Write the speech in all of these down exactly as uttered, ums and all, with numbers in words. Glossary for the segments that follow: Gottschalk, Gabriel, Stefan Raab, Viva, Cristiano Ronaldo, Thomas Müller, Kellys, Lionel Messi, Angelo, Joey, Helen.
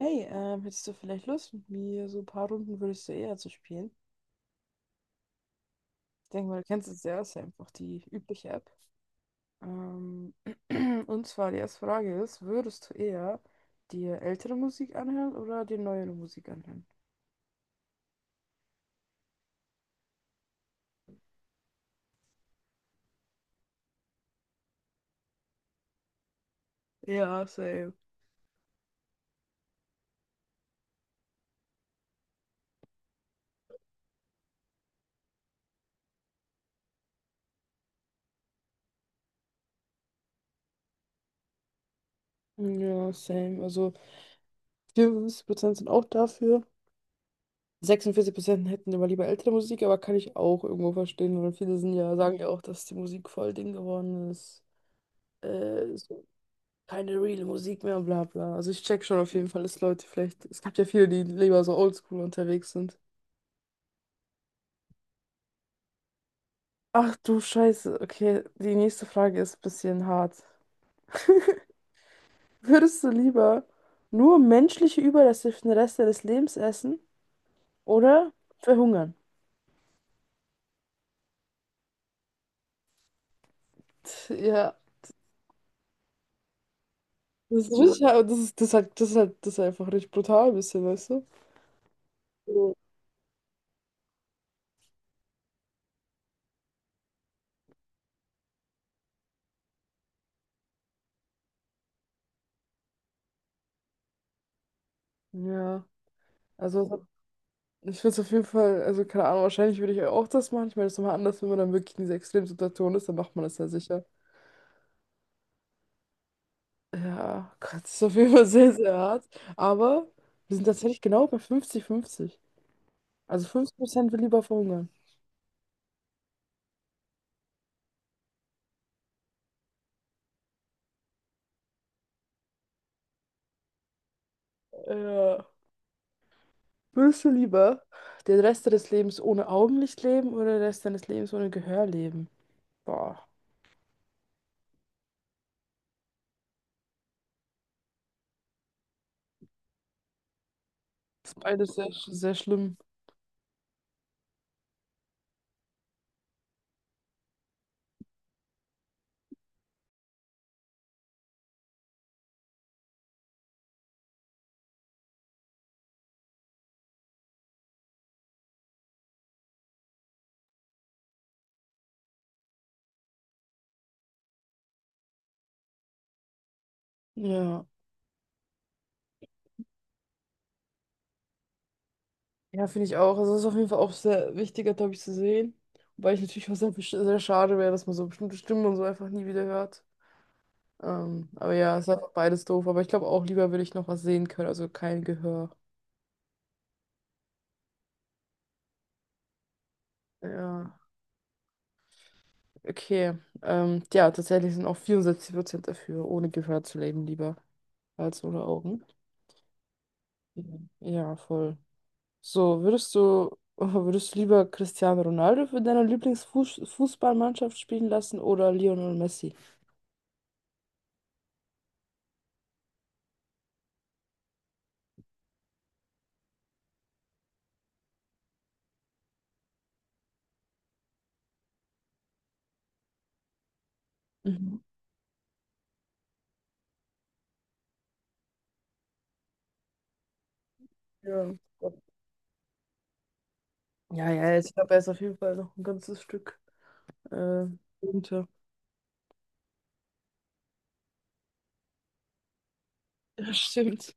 Hey, ähm, hättest du vielleicht Lust, mit mir so ein paar Runden würdest du eher zu spielen? Ich denke mal, du kennst es ja, ist ja einfach die übliche App. Ähm, und zwar die erste Frage ist, würdest du eher dir ältere Musik anhören oder dir neuere Musik anhören? Ja, same. Ja, same. Also vierundfünfzig Prozent sind auch dafür. sechsundvierzig Prozent hätten immer lieber ältere Musik, aber kann ich auch irgendwo verstehen, weil viele sind ja, sagen ja auch, dass die Musik voll Ding geworden ist. Äh, so keine reale Musik mehr, bla bla. Also ich check schon auf jeden Fall, dass Leute vielleicht, es gibt ja viele, die lieber so oldschool unterwegs sind. Ach du Scheiße, okay, die nächste Frage ist ein bisschen hart. Würdest du lieber nur menschliche Überreste für den Rest deines Lebens essen oder verhungern? Ja. Das ist richtig, das ist, das ist halt, das ist halt, das ist einfach richtig brutal ein bisschen, weißt du? So. Ja, also. Ich würde es auf jeden Fall, also keine Ahnung, wahrscheinlich würde ich auch das machen. Ich meine, das ist nochmal anders, wenn man dann wirklich in dieser Extremsituation ist, dann macht man das ja sicher. Ja, Gott, das ist auf jeden Fall sehr, sehr hart. Aber wir sind tatsächlich genau bei fünfzig fünfzig. Also fünfzig Prozent will lieber verhungern. Ja. Würdest du lieber den Rest deines Lebens ohne Augenlicht leben oder den Rest deines Lebens ohne Gehör leben? Boah, das ist beides sehr, sehr schlimm. Ja. Ja, finde ich auch. Also, das ist auf jeden Fall auch sehr wichtiger, glaube ich, zu sehen. Wobei ich natürlich auch sehr, besch- sehr schade wäre, dass man so bestimmte Stimmen und so einfach nie wieder hört. Ähm, aber ja, es ist einfach beides doof. Aber ich glaube auch, lieber würde ich noch was sehen können, also kein Gehör. Ja, okay. Ähm, ja, tatsächlich sind auch vierundsechzig Prozent dafür, ohne Gehör zu leben, lieber als ohne Augen. Mhm. Ja, voll. So, würdest du, würdest du lieber Cristiano Ronaldo für deine Lieblingsfußballmannschaft spielen lassen oder Lionel Messi? Mhm. Ja. Ja, ja, ich glaube, er ist auf jeden Fall noch ein ganzes Stück äh, runter. Ja, stimmt.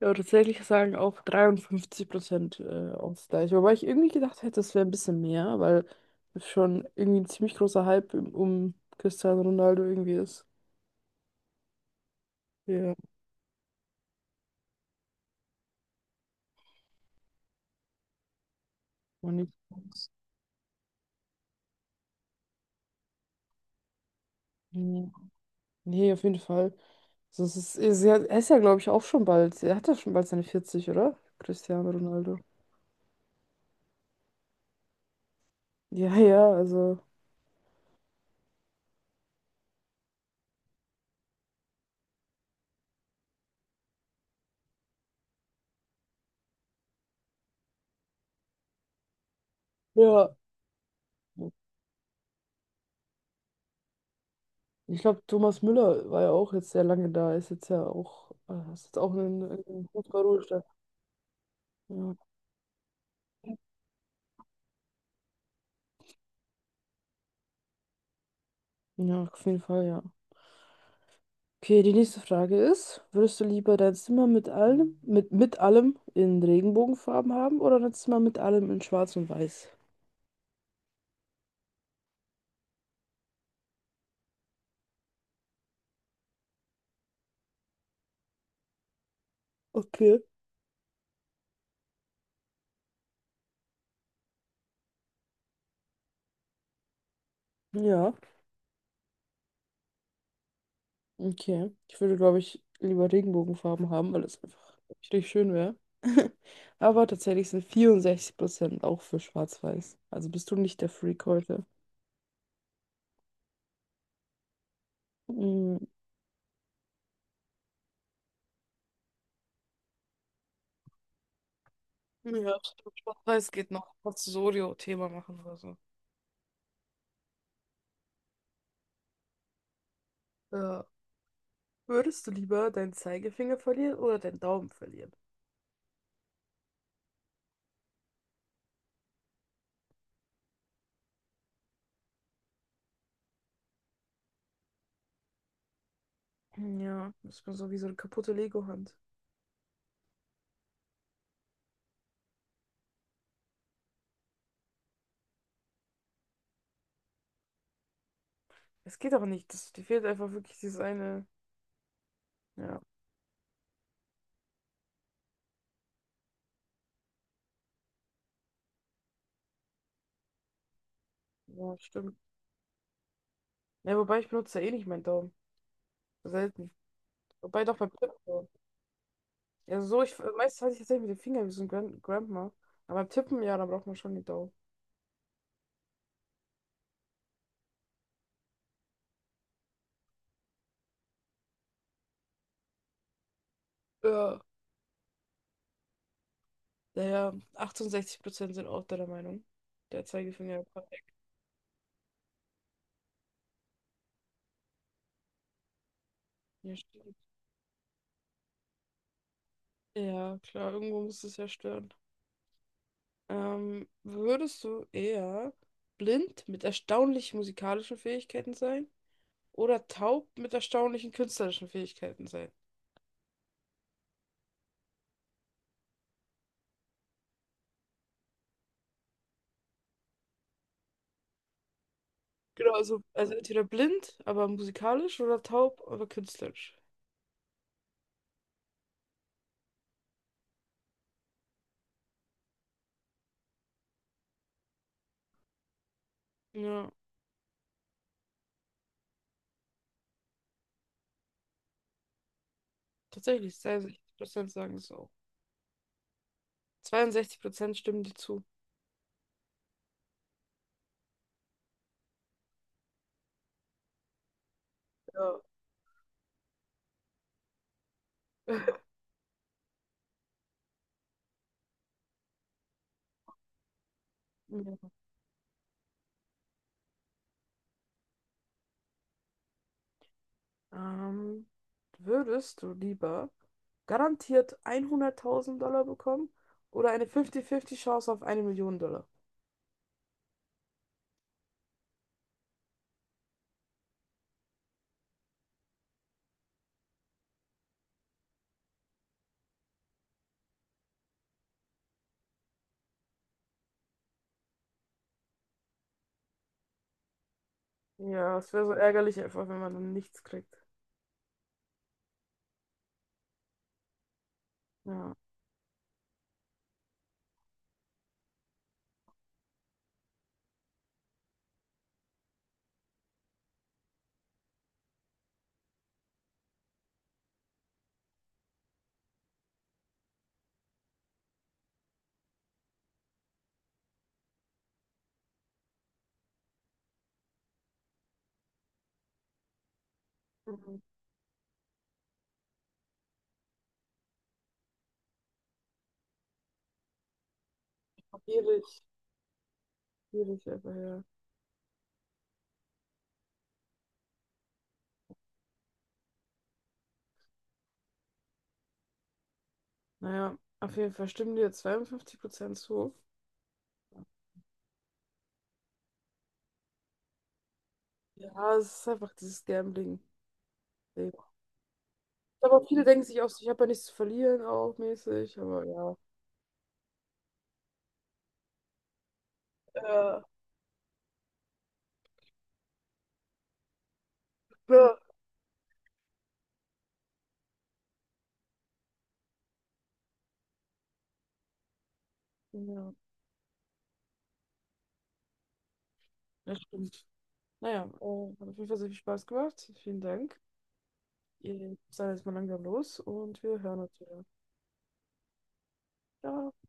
Ja, tatsächlich sagen auch dreiundfünfzig Prozent äh, Ausgleich. Wobei ich irgendwie gedacht hätte, es wäre ein bisschen mehr, weil es schon irgendwie ein ziemlich großer Hype um um Cristiano Ronaldo irgendwie ist. Ja, man nicht. Mhm. Nee, auf jeden Fall. Also es ist, es ist ja, er ist ja, glaube ich, auch schon bald. Er hat ja schon bald seine vierzig, oder? Cristiano Ronaldo. Ja, ja, also. Ja. Ich glaube, Thomas Müller war ja auch jetzt sehr lange da, ist jetzt ja auch, äh, ist jetzt auch in, in guter Ruhestand. Ja. Ja, auf jeden Fall, ja. Okay, die nächste Frage ist, würdest du lieber dein Zimmer mit allem, mit, mit allem in Regenbogenfarben haben oder dein Zimmer mit allem in Schwarz und Weiß? Okay. Ja, okay. Ich würde, glaube ich, lieber Regenbogenfarben haben, weil das einfach richtig schön wäre. Aber tatsächlich sind vierundsechzig Prozent auch für Schwarz-Weiß. Also bist du nicht der Freak heute. Mm. Ja, es geht noch Pozzorio-Thema machen oder so. Ja. Würdest du lieber deinen Zeigefinger verlieren oder deinen Daumen verlieren? Ja. Das ist so wie so eine kaputte Lego-Hand. Es geht auch nicht. Das, dir fehlt einfach wirklich dieses eine. Ja, ja, stimmt. Ja, wobei ich benutze ja eh nicht meinen Daumen. Selten. Wobei doch beim Tippen. So. Ja, so, ich, meistens hatte ich tatsächlich mit dem Finger wie so ein Gran Grandma. Aber beim Tippen, ja, da braucht man schon den Daumen. Ja. Naja, achtundsechzig Prozent sind auch deiner Meinung. Der Zeigefinger. Ja, stimmt. Ja, klar, irgendwo muss es ja stören. Ähm, würdest du eher blind mit erstaunlichen musikalischen Fähigkeiten sein oder taub mit erstaunlichen künstlerischen Fähigkeiten sein? Genau, also, also entweder blind, aber musikalisch oder taub, aber künstlerisch. Ja, tatsächlich, zweiundsechzig Prozent sagen es auch. Zweiundsechzig Prozent stimmen dir zu. Ja. Ähm, Würdest du lieber garantiert hunderttausend Dollar bekommen oder eine fünfzig fünfzig Chance auf eine Million Dollar? Ja, es wäre so ärgerlich einfach, wenn man dann nichts kriegt. Ja. Mhm. Schwierig, schwierig einfach, ja. Naja, auf jeden Fall stimmen dir zweiundfünfzig Prozent zu. Ja, es ist einfach dieses Gambling. Aber viele denken sich auch so, ich habe ja nichts zu verlieren, auch mäßig, aber ja. Ja, klar. Ja, das stimmt. Naja, äh, hat auf jeden Fall sehr viel Spaß gemacht. Vielen Dank. Ich sage jetzt mal langsam los und wir hören uns wieder. Ciao.